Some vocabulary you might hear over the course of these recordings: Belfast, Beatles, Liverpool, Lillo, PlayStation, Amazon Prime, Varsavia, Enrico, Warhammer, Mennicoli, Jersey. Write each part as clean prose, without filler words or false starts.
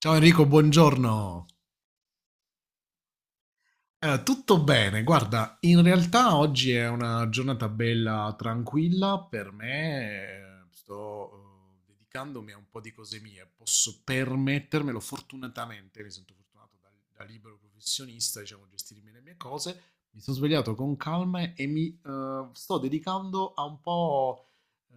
Ciao Enrico, buongiorno. Tutto bene, guarda, in realtà oggi è una giornata bella tranquilla per me, sto dedicandomi a un po' di cose mie, posso permettermelo fortunatamente, mi sento fortunato da libero professionista, diciamo, gestirmi le mie cose, mi sono svegliato con calma e mi sto dedicando a un po'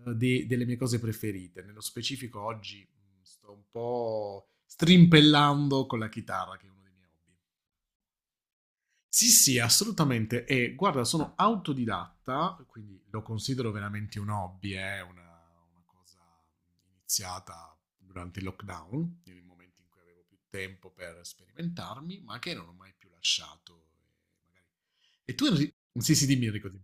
delle mie cose preferite, nello specifico oggi sto un po' strimpellando con la chitarra, che è uno dei miei hobby. Sì, sì, assolutamente. E guarda, sono autodidatta, quindi lo considero veramente un hobby, è una cosa iniziata durante il lockdown, nel momento in cui avevo più tempo per sperimentarmi, ma che non ho mai più lasciato. E tu, Enri- sì, sì, dimmi Enrico. Dimmi.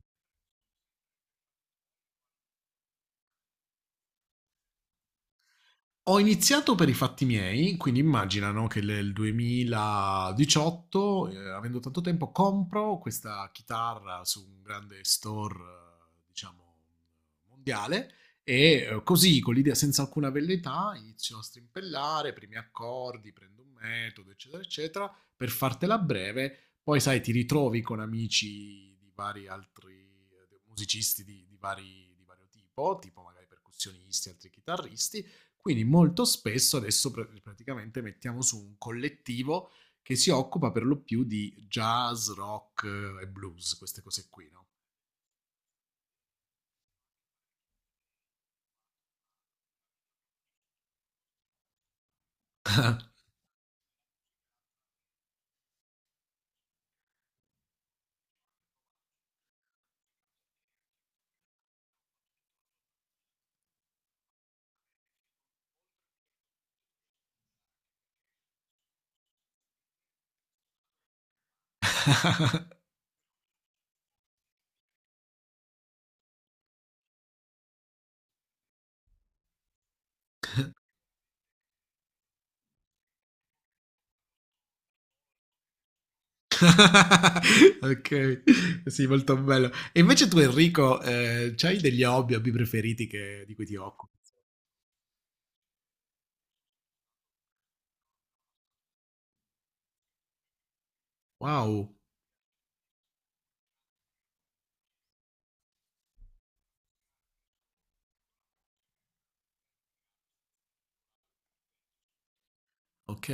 Ho iniziato per i fatti miei, quindi immagina, no, che nel 2018, avendo tanto tempo, compro questa chitarra su un grande store, diciamo, mondiale e così, con l'idea senza alcuna velleità, inizio a strimpellare, primi accordi, prendo un metodo, eccetera, eccetera, per fartela breve, poi sai, ti ritrovi con amici di vari altri musicisti di vario tipo, tipo magari percussionisti, altri chitarristi, quindi molto spesso adesso praticamente mettiamo su un collettivo che si occupa per lo più di jazz, rock e blues, queste cose qui, no? Ok, sì, molto bello. E invece tu, Enrico, c'hai degli hobby, hobby preferiti di cui ti occupi? Wow, ok,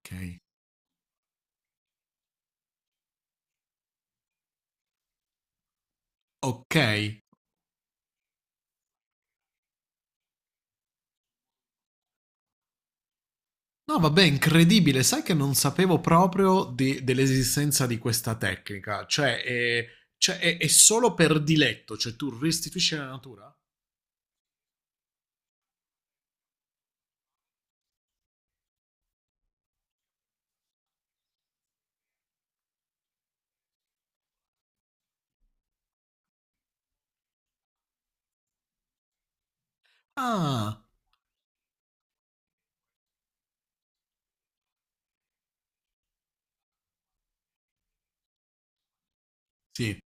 ok, ok. No, vabbè, incredibile. Sai che non sapevo proprio dell'esistenza di questa tecnica. Cioè, è solo per diletto, cioè tu restituisci la natura? Ah, sì.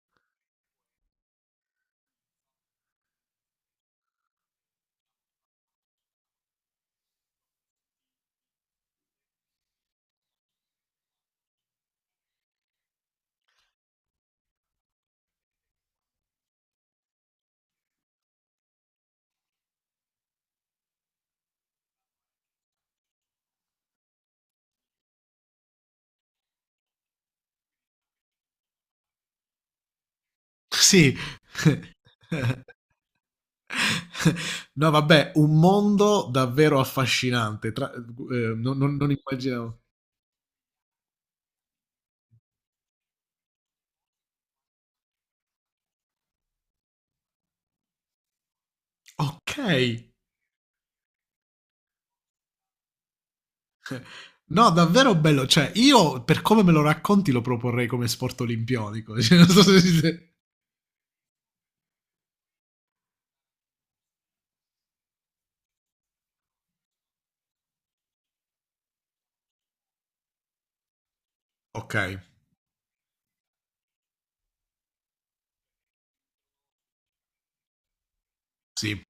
Sì. No, vabbè, un mondo davvero affascinante. Non immaginavo. Ok. No, davvero bello. Cioè, io per come me lo racconti lo proporrei come sport olimpionico. Cioè, non so se si- ok, sì.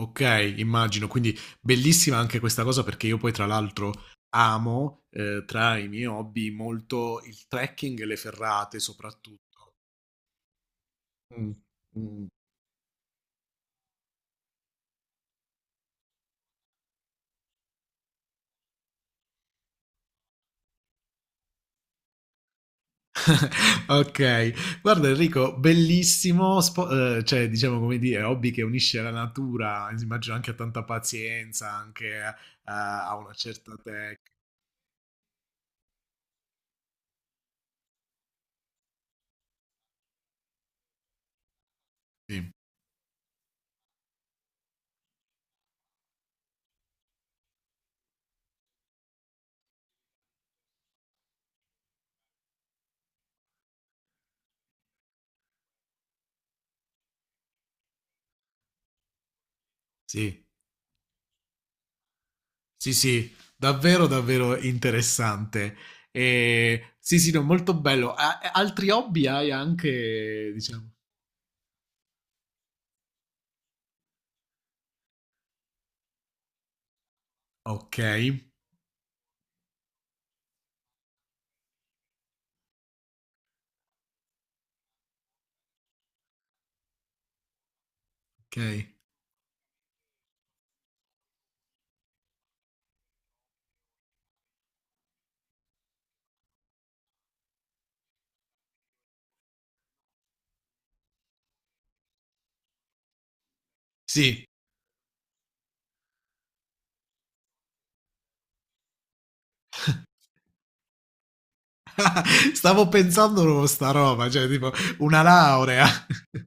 Ok, immagino, quindi bellissima anche questa cosa perché io poi tra l'altro amo tra i miei hobby molto il trekking e le ferrate soprattutto. Mm. Mm. Ok, guarda Enrico, bellissimo, cioè diciamo come dire, hobby che unisce la natura, immagino anche a tanta pazienza, anche a una certa tecnica. Sì, sì. Sì, sì, davvero, davvero interessante. E sì, sì, no, molto bello. Altri hobby hai anche, diciamo. Ok, ok. Sì, stavo pensando a sta roba, cioè tipo una laurea.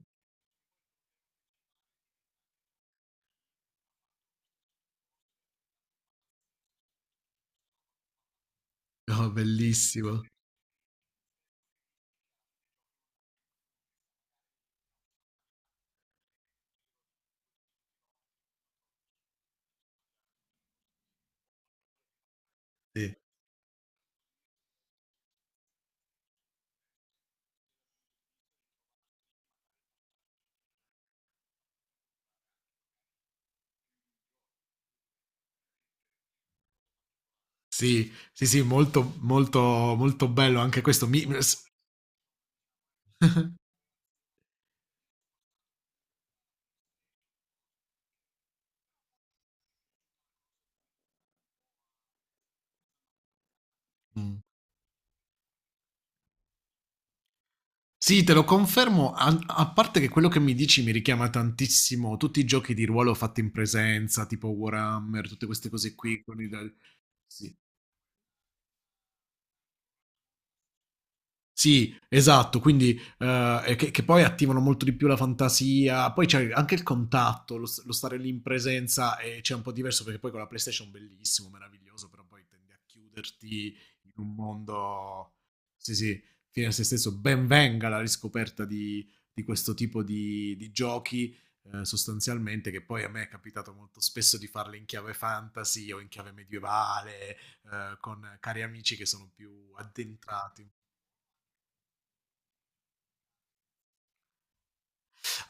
No, bellissimo. Sì, sì, sì, sì, molto, molto, molto bello anche questo. Mi... Mm. Sì, te lo confermo, a parte che quello che mi dici mi richiama tantissimo tutti i giochi di ruolo fatti in presenza, tipo Warhammer, tutte queste cose qui. Con i sì. Sì, esatto, quindi che poi attivano molto di più la fantasia, poi c'è anche il contatto, lo stare lì in presenza e c'è un po' diverso perché poi con la PlayStation bellissimo, meraviglioso, però poi tendi a chiuderti in un mondo, sì sì, fine a se stesso, ben venga la riscoperta di questo tipo di giochi sostanzialmente, che poi a me è capitato molto spesso di farle in chiave fantasy o in chiave medievale, con cari amici che sono più addentrati.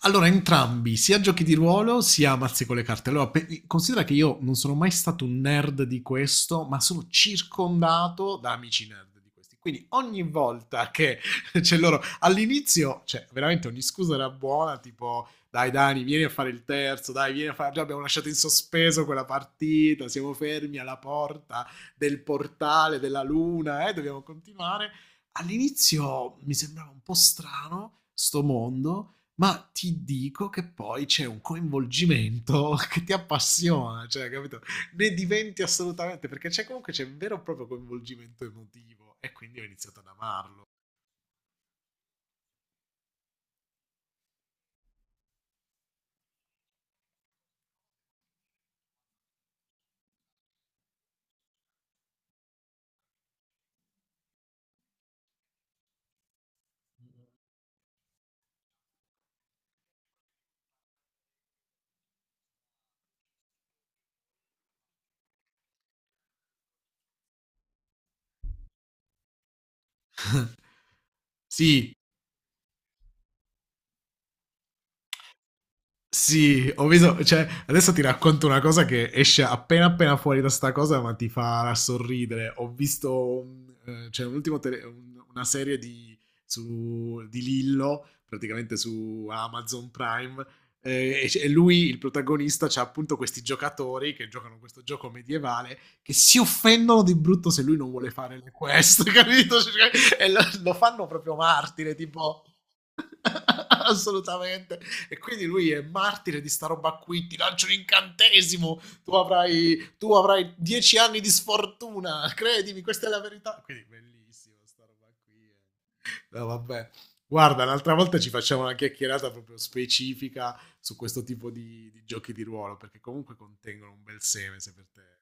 Allora, entrambi, sia giochi di ruolo sia mazzi con le carte. Allora, considera che io non sono mai stato un nerd di questo, ma sono circondato da amici nerd di questi. Quindi ogni volta che c'è loro all'inizio, cioè veramente ogni scusa era buona, tipo dai Dani, vieni a fare il terzo, dai, vieni a fare... Già abbiamo lasciato in sospeso quella partita, siamo fermi alla porta del portale della luna, dobbiamo continuare. All'inizio mi sembrava un po' strano sto mondo, ma ti dico che poi c'è un coinvolgimento che ti appassiona, cioè, capito? Ne diventi assolutamente, perché c'è comunque c'è un vero e proprio coinvolgimento emotivo e quindi ho iniziato ad amarlo. Sì, sì, ho visto, cioè, adesso ti racconto una cosa che esce appena appena fuori da sta cosa, ma ti farà sorridere. Ho visto, c'è un ultimo una serie su, di Lillo, praticamente su Amazon Prime, e lui, il protagonista, c'ha appunto questi giocatori che giocano questo gioco medievale che si offendono di brutto se lui non vuole fare le quest, capito? Cioè, e lo fanno proprio martire, tipo... Assolutamente. E quindi lui è martire di sta roba qui, ti lancio un incantesimo, tu avrai 10 anni di sfortuna, credimi, questa è la verità. Quindi bellissimo sta roba qui. Eh. No, vabbè. Guarda, un'altra volta ci facciamo una chiacchierata proprio specifica su questo tipo di giochi di ruolo, perché comunque contengono un bel seme, se per te.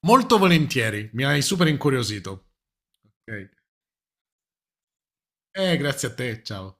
Molto volentieri, mi hai super incuriosito. Ok. Grazie a te, ciao.